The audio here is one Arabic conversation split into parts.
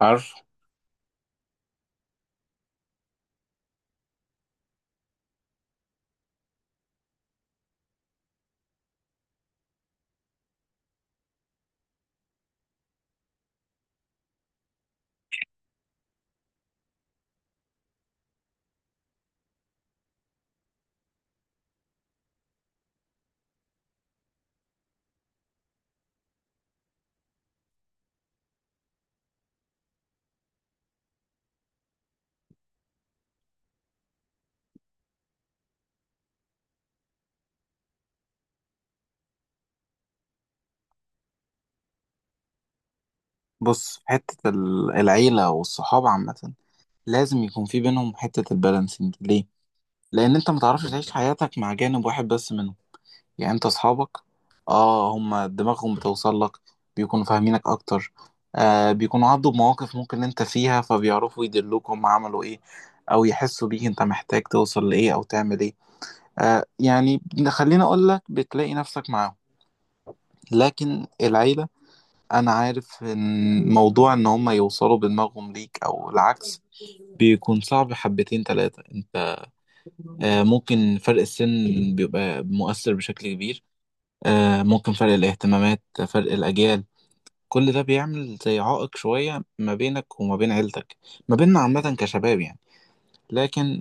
عارف. بص، حتة العيلة والصحاب عامة لازم يكون في بينهم حتة البالانسنج. ليه؟ لأن أنت متعرفش تعيش حياتك مع جانب واحد بس منهم. يعني أنت أصحابك آه هما دماغهم بتوصل لك، بيكونوا فاهمينك أكتر، آه بيكونوا عدوا بمواقف ممكن أنت فيها، فبيعرفوا يدلوك هما عملوا إيه أو يحسوا بيك أنت محتاج توصل لإيه أو تعمل إيه. آه يعني خليني أقولك، بتلاقي نفسك معاهم. لكن العيلة، انا عارف ان موضوع ان هم يوصلوا بدماغهم ليك او العكس بيكون صعب حبتين تلاتة. انت ممكن فرق السن بيبقى مؤثر بشكل كبير. ممكن فرق الاهتمامات، فرق الاجيال، كل ده بيعمل زي عائق شوية ما بينك وما بين عيلتك، ما بيننا عامة كشباب لكن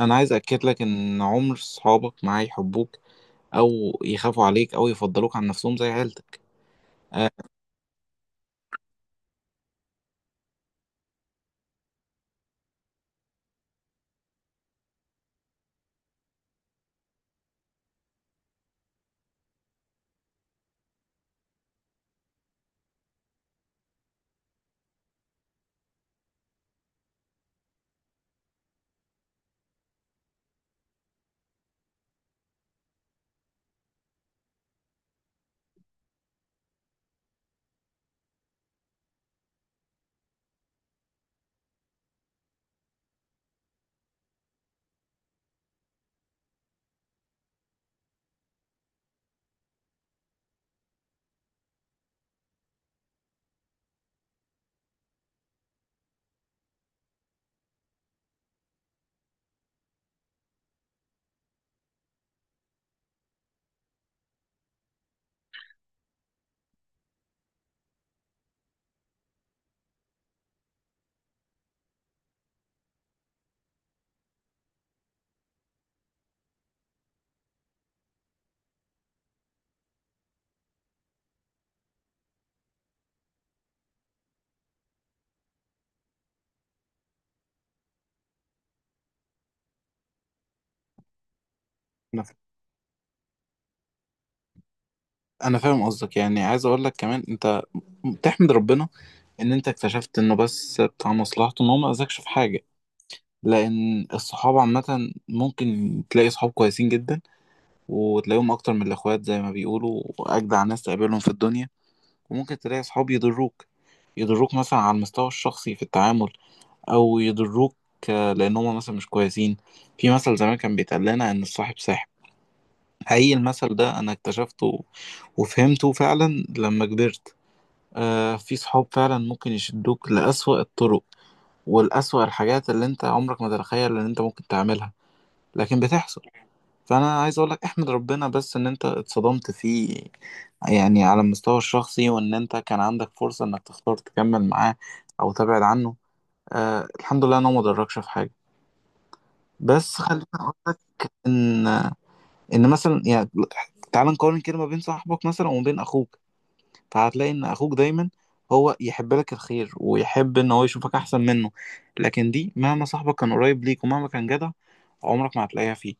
انا عايز اكد لك ان عمر صحابك معاه يحبوك او يخافوا عليك او يفضلوك عن نفسهم زي عيلتك. آه، انا انا فاهم قصدك، يعني عايز اقول لك كمان انت تحمد ربنا ان انت اكتشفت انه بس بتاع مصلحته، ان هو ما اذاكش في حاجه. لان الصحاب عامه ممكن تلاقي صحاب كويسين جدا، وتلاقيهم اكتر من الاخوات زي ما بيقولوا، واجدع ناس تقابلهم في الدنيا. وممكن تلاقي صحاب يضروك، يضروك مثلا على المستوى الشخصي في التعامل، او يضروك لان هم مثلا مش كويسين. في مثل زمان كان بيتقال لنا ان الصاحب ساحب. حقيقي المثل ده انا اكتشفته وفهمته فعلا لما كبرت. آه في صحاب فعلا ممكن يشدوك لأسوأ الطرق ولأسوأ الحاجات اللي انت عمرك ما تتخيل ان انت ممكن تعملها، لكن بتحصل. فانا عايز اقولك احمد ربنا بس ان انت اتصدمت فيه، يعني على المستوى الشخصي، وان انت كان عندك فرصة انك تختار تكمل معاه او تبعد عنه. آه الحمد لله انه ما ضركش في حاجة. بس خليني اقولك ان مثلا يعني تعال نقارن كده ما بين صاحبك مثلا وما بين اخوك، فهتلاقي ان اخوك دايما هو يحب لك الخير ويحب ان هو يشوفك احسن منه. لكن دي مهما صاحبك كان قريب ليك ومهما كان جدع، عمرك ما هتلاقيها فيه.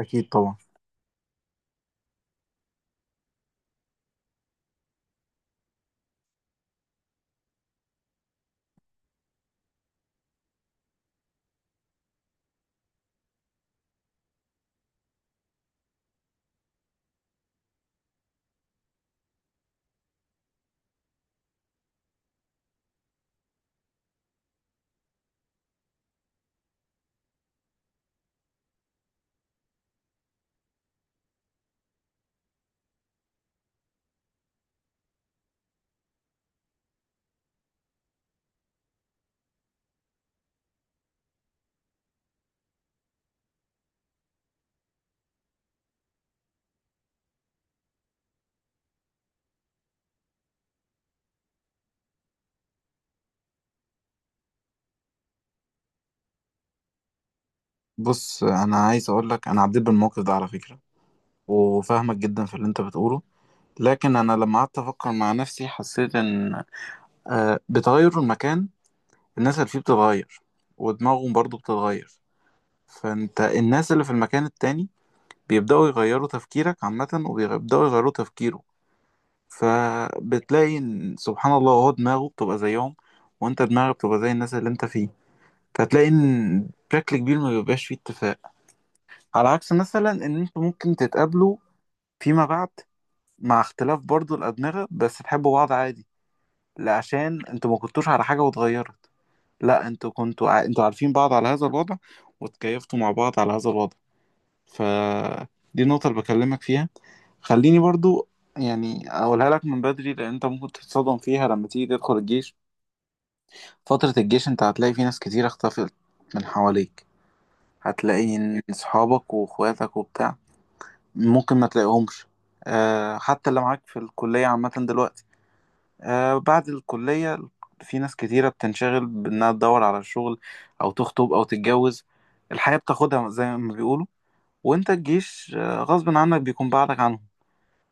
اكيد طبعا. بص انا عايز اقول لك، انا عديت بالموقف ده على فكرة وفاهمك جدا في اللي انت بتقوله. لكن انا لما قعدت افكر مع نفسي حسيت ان بتغير المكان الناس اللي فيه بتتغير، ودماغهم برضو بتتغير. فانت الناس اللي في المكان التاني بيبدأوا يغيروا تفكيرك عامة، وبيبدأوا يغيروا تفكيره. فبتلاقي إن سبحان الله هو دماغه بتبقى زيهم، وانت دماغك بتبقى زي الناس اللي انت فيه. فتلاقي ان بشكل كبير ما بيبقاش فيه اتفاق، على عكس مثلا ان انتوا ممكن تتقابلوا فيما بعد مع اختلاف برضو الأدمغة بس تحبوا بعض عادي، لا عشان انتوا ما كنتوش على حاجة واتغيرت. لا انتوا انتوا عارفين بعض على هذا الوضع وتكيفتوا مع بعض على هذا الوضع. ف دي النقطة اللي بكلمك فيها. خليني برضو أقولها لك من بدري، لأن أنت ممكن تتصدم فيها لما تيجي تدخل الجيش. فترة الجيش انت هتلاقي في ناس كتير اختفت من حواليك. هتلاقي ان صحابك واخواتك وبتاع ممكن ما تلاقيهمش. أه حتى اللي معاك في الكلية عامة دلوقتي، أه بعد الكلية في ناس كتيرة بتنشغل بانها تدور على شغل او تخطب او تتجوز، الحياة بتاخدها زي ما بيقولوا. وانت الجيش غصب عنك بيكون بعدك عنهم.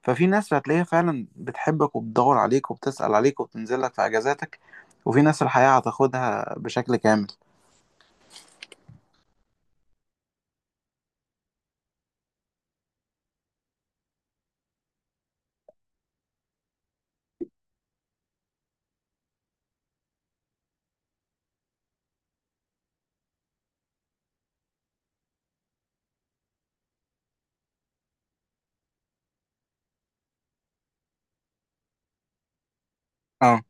ففي ناس هتلاقيها فعلا بتحبك وبتدور عليك وبتسأل عليك وبتنزل لك في اجازاتك، وفي ناس الحياة هتاخدها بشكل كامل. اه.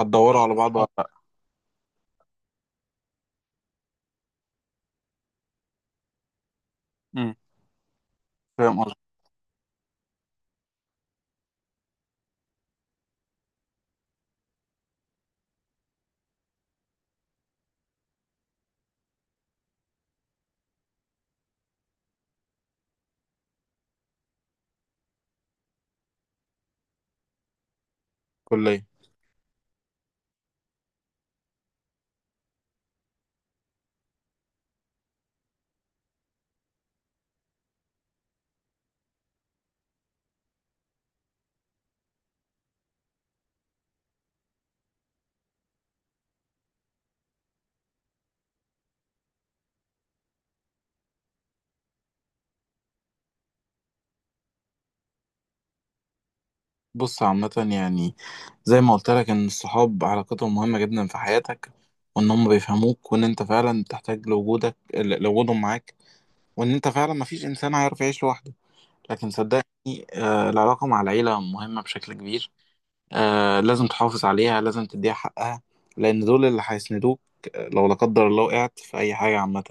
هتدوروا على بعض ولا صح لأ؟ امم. فاهم قصدي. كلية. بص عامة يعني زي ما قلت لك إن الصحاب علاقتهم مهمة جدا في حياتك، وإن هم بيفهموك، وإن أنت فعلا تحتاج لوجودهم معاك، وإن أنت فعلا مفيش إنسان هيعرف يعيش لوحده. لكن صدقني آه العلاقة مع العيلة مهمة بشكل كبير. آه لازم تحافظ عليها، لازم تديها حقها، لأن دول اللي هيسندوك. لو لا قدر الله وقعت في أي حاجة عامة،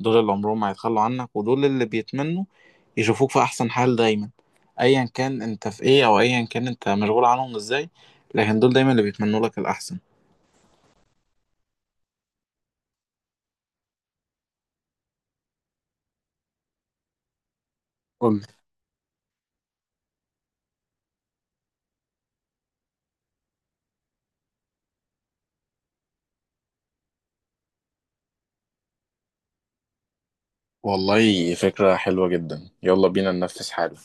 دول اللي عمرهم ما هيتخلوا عنك، ودول اللي بيتمنوا يشوفوك في احسن حال دايما. ايا كان انت في ايه او ايا كان انت مشغول عنهم ازاي، لكن دول دايما اللي بيتمنوا لك الاحسن. قول لي. والله فكرة حلوة جدا، يلا بينا ننفذ حالا.